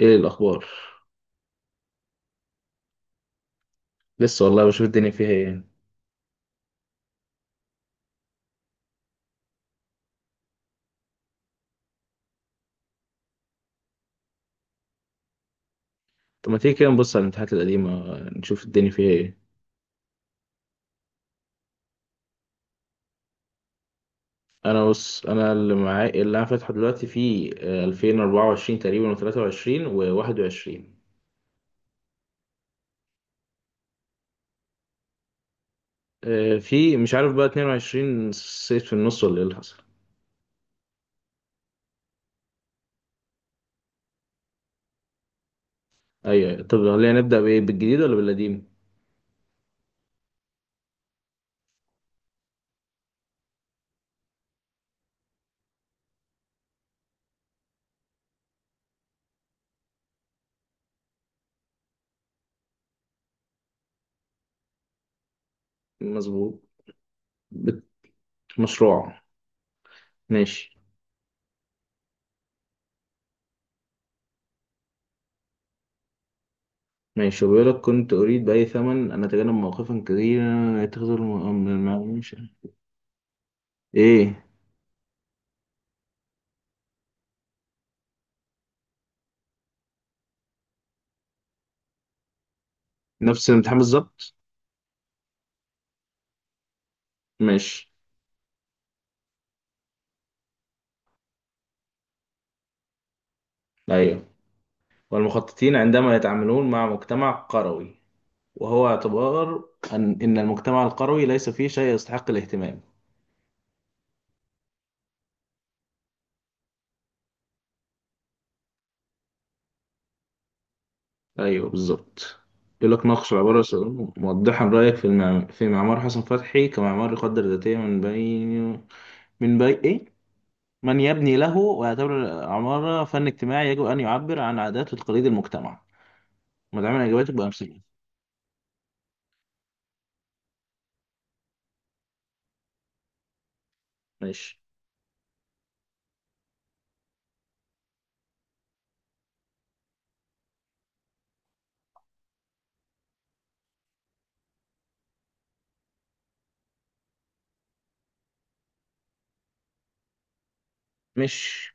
ايه الاخبار؟ لسه والله، بشوف الدنيا فيها ايه. طب ما تيجي كده نبص على الامتحانات القديمه، نشوف الدنيا فيها ايه. انا بص، انا اللي معايا، اللي انا فاتحه دلوقتي في 2024 تقريبا، و23 و21. في مش عارف بقى 22 صيت في النص ولا ايه اللي حصل. ايوه أيوة. طب خلينا نبدا بايه، بالجديد ولا بالقديم؟ مظبوط. بت- مشروع. ماشي ماشي. بيقول لك كنت اريد باي ثمن ان اتجنب مواقفا كثيره يتخذ الم... من الم... مش- ايه. نفس الامتحان بالظبط. مش أيوه. والمخططين عندما يتعاملون مع مجتمع قروي. وهو اعتبار إن المجتمع القروي ليس فيه شيء يستحق الاهتمام. أيوه بالظبط. يقول لك ناقش العبارة السؤال موضحا رأيك في معمار حسن فتحي كمعمار يقدر ذاتيا من بين. من بين إيه؟ من يبني له ويعتبر العمارة فن اجتماعي يجب أن يعبر عن عادات وتقاليد المجتمع، مدعمة إجاباتك بأمثلة. ماشي. مش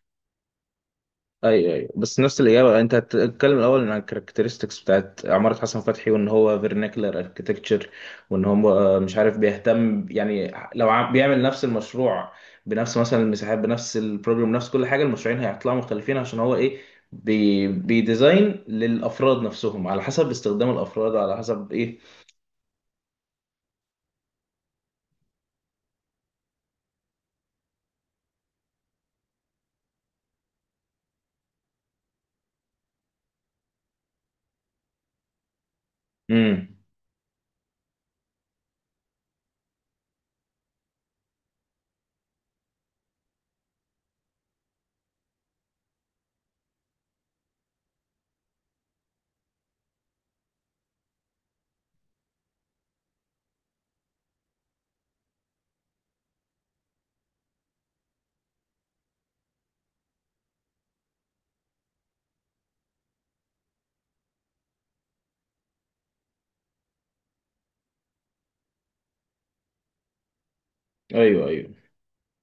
ايوه ايوه، بس نفس الاجابه. انت هتتكلم الاول عن الكاركترستكس بتاعت عماره حسن فتحي، وان هو فيرناكلر اركتكتشر. وان هو مش عارف، بيهتم يعني لو بيعمل نفس المشروع بنفس مثلا المساحات، بنفس البروجرام، بنفس كل حاجه، المشروعين هيطلعوا مختلفين عشان هو ايه، بيديزاين للافراد نفسهم، على حسب استخدام الافراد، على حسب ايه. امم. ايوه ايوه.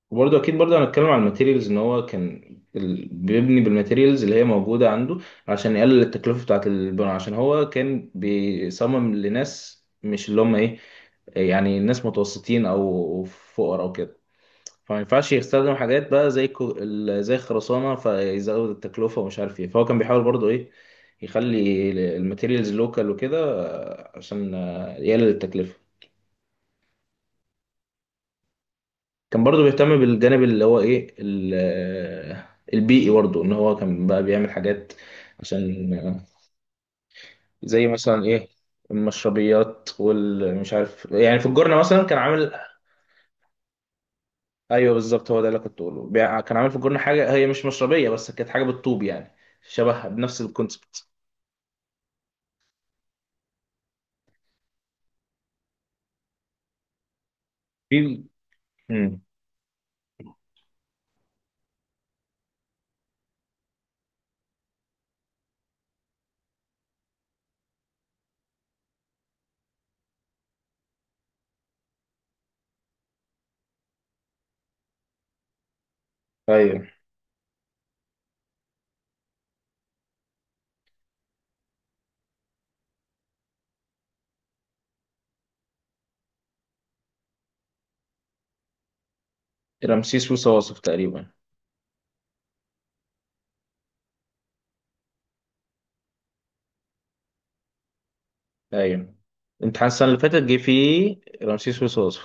وبرضه اكيد برضه هنتكلم على الماتيريالز، ان هو كان بيبني بالماتيريالز اللي هي موجوده عنده، عشان يقلل التكلفه بتاعه البناء، عشان هو كان بيصمم لناس مش اللي هم ايه، يعني ناس متوسطين او فقراء او كده. فما ينفعش يستخدم حاجات بقى زي زي الخرسانه، فيزود التكلفه ومش عارف ايه. فهو كان بيحاول برضه ايه، يخلي الماتيريالز لوكال وكده، عشان يقلل التكلفه. كان برضو بيهتم بالجانب اللي هو ايه البيئي برضو، ان هو كان بقى بيعمل حاجات عشان زي مثلا ايه، المشربيات والمش عارف يعني، في الجرنة مثلا كان عامل. ايوه بالظبط، هو ده اللي كنت بقوله. كان عامل في الجرنة حاجة هي مش مشربية، بس كانت حاجة بالطوب يعني، شبهها بنفس الكونسبت. في. امم. ايوه. رمسيس وصواصف تقريبا. ايوه، امتحان السنة اللي فاتت جه فيه رمسيس وصواصف.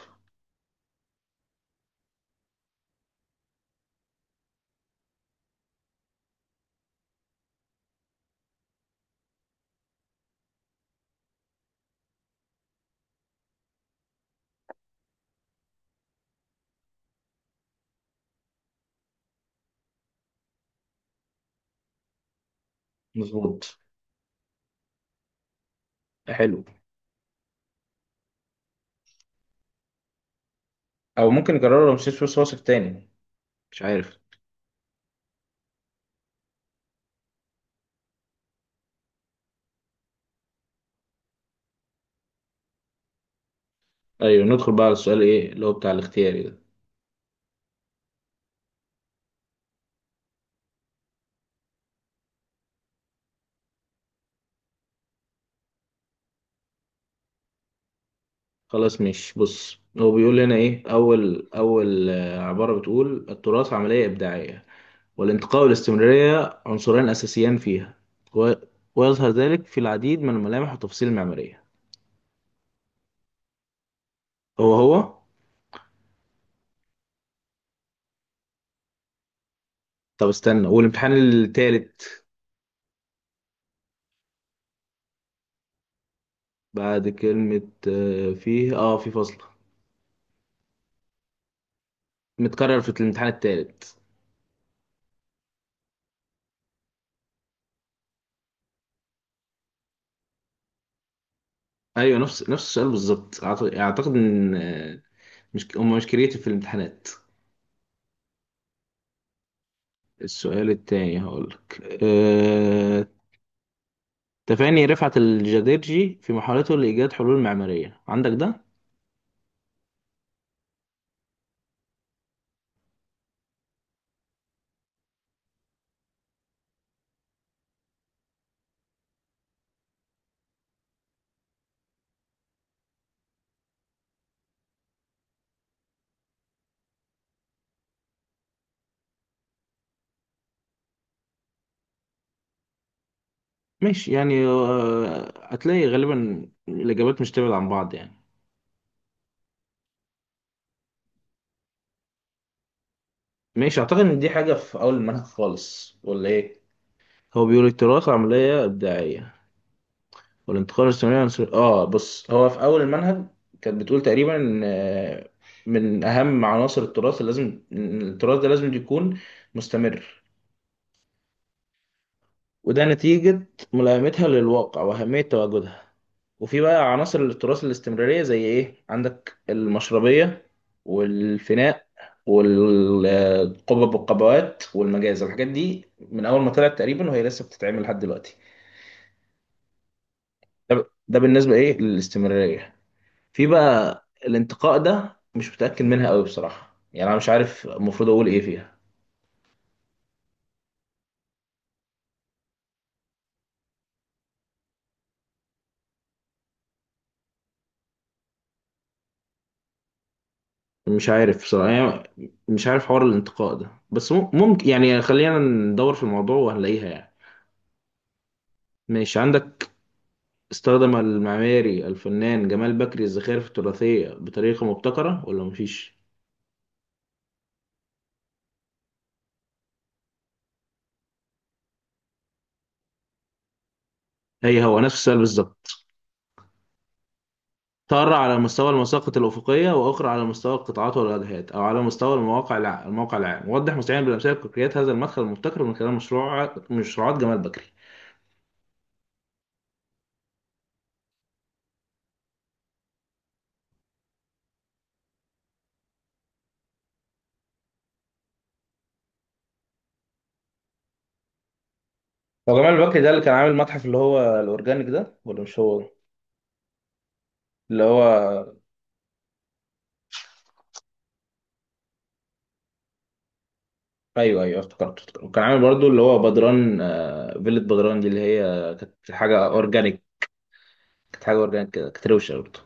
مظبوط. حلو. او ممكن يكرروا رمسيس وصواصف تاني، مش عارف. ايوه، ندخل بقى على السؤال ايه اللي هو بتاع الاختياري ده. خلاص. مش بص، هو بيقول هنا ايه، اول اول عبارة، بتقول التراث عملية إبداعية والانتقاء والاستمرارية عنصران أساسيان فيها، و... ويظهر ذلك في العديد من الملامح والتفاصيل المعمارية. هو. طب استنى، والامتحان التالت بعد كلمة آه، فيه اه في فصل، متكرر في الامتحان التالت. ايوه، نفس السؤال بالظبط. اعتقد ان مش هم مش كريتيف في الامتحانات. السؤال التاني هقولك تفاني رفعت الجديرجي في محاولته لإيجاد حلول معمارية، عندك ده؟ ماشي يعني، هتلاقي غالبا الإجابات مش تبعد عن بعض يعني. ماشي، أعتقد إن دي حاجة في أول المنهج خالص ولا إيه؟ هو بيقول التراث عملية إبداعية والانتقال الثنائي عنصر بص، هو في أول المنهج كانت بتقول تقريبا إن من أهم عناصر التراث اللي لازم، إن التراث ده لازم يكون مستمر. وده نتيجة ملائمتها للواقع وأهمية تواجدها. وفي بقى عناصر التراث الاستمرارية زي إيه؟ عندك المشربية والفناء والقبب والقبوات والمجاز، الحاجات دي من أول ما طلعت تقريبا وهي لسه بتتعمل لحد دلوقتي. ده ده بالنسبة إيه للاستمرارية. في بقى الانتقاء، ده مش متأكد منها أوي بصراحة يعني، أنا مش عارف المفروض أقول إيه فيها. مش عارف بصراحة يعني، مش عارف حوار الانتقاء ده، بس ممكن يعني خلينا ندور في الموضوع وهنلاقيها يعني. ماشي. عندك استخدم المعماري الفنان جمال بكري الزخارف التراثية بطريقة مبتكرة، ولا مفيش؟ هي هو نفس السؤال بالظبط. ترى على مستوى المساقط الأفقية، وأخرى على مستوى القطاعات والواجهات، أو على مستوى المواقع الموقع العام. وضح مستعين بالأمثلة الكوكريات هذا المدخل المبتكر من خلال مشروعات جمال بكري. هو جمال بكري ده اللي كان عامل متحف اللي هو الأورجانيك ده ولا مش هو؟ اللي هو، ايوه ايوه، افتكرت افتكرت. وكان عامل برضو اللي هو بدران، فيلة بدران دي اللي هي كانت حاجه اورجانيك، كانت حاجه اورجانيك كده، كانت روشه برضو.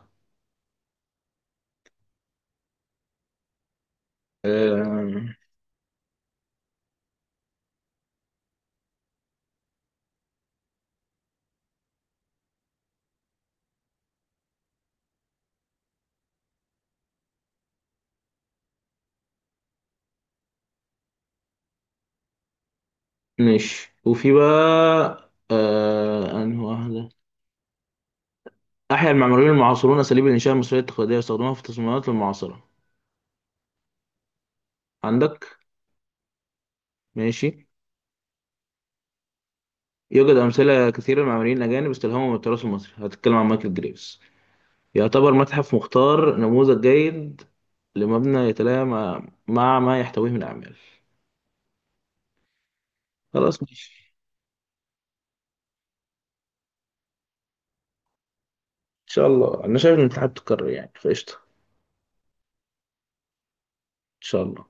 آه، ماشي وفي بقى انهي واحده. احيا المعماريون المعاصرون اساليب الانشاء المصريه التقليديه، يستخدموها في التصميمات المعاصره. عندك. ماشي. يوجد امثله كثيره لمعماريين الاجانب استلهموا من التراث المصري، هتتكلم عن مايكل جريفز. يعتبر متحف مختار نموذج جيد لمبنى يتلائم مع مع ما يحتويه من اعمال. خلاص ماشي. شاء الله، انا شايف ان الاتحاد تكرر يعني، فقشطه ان شاء الله.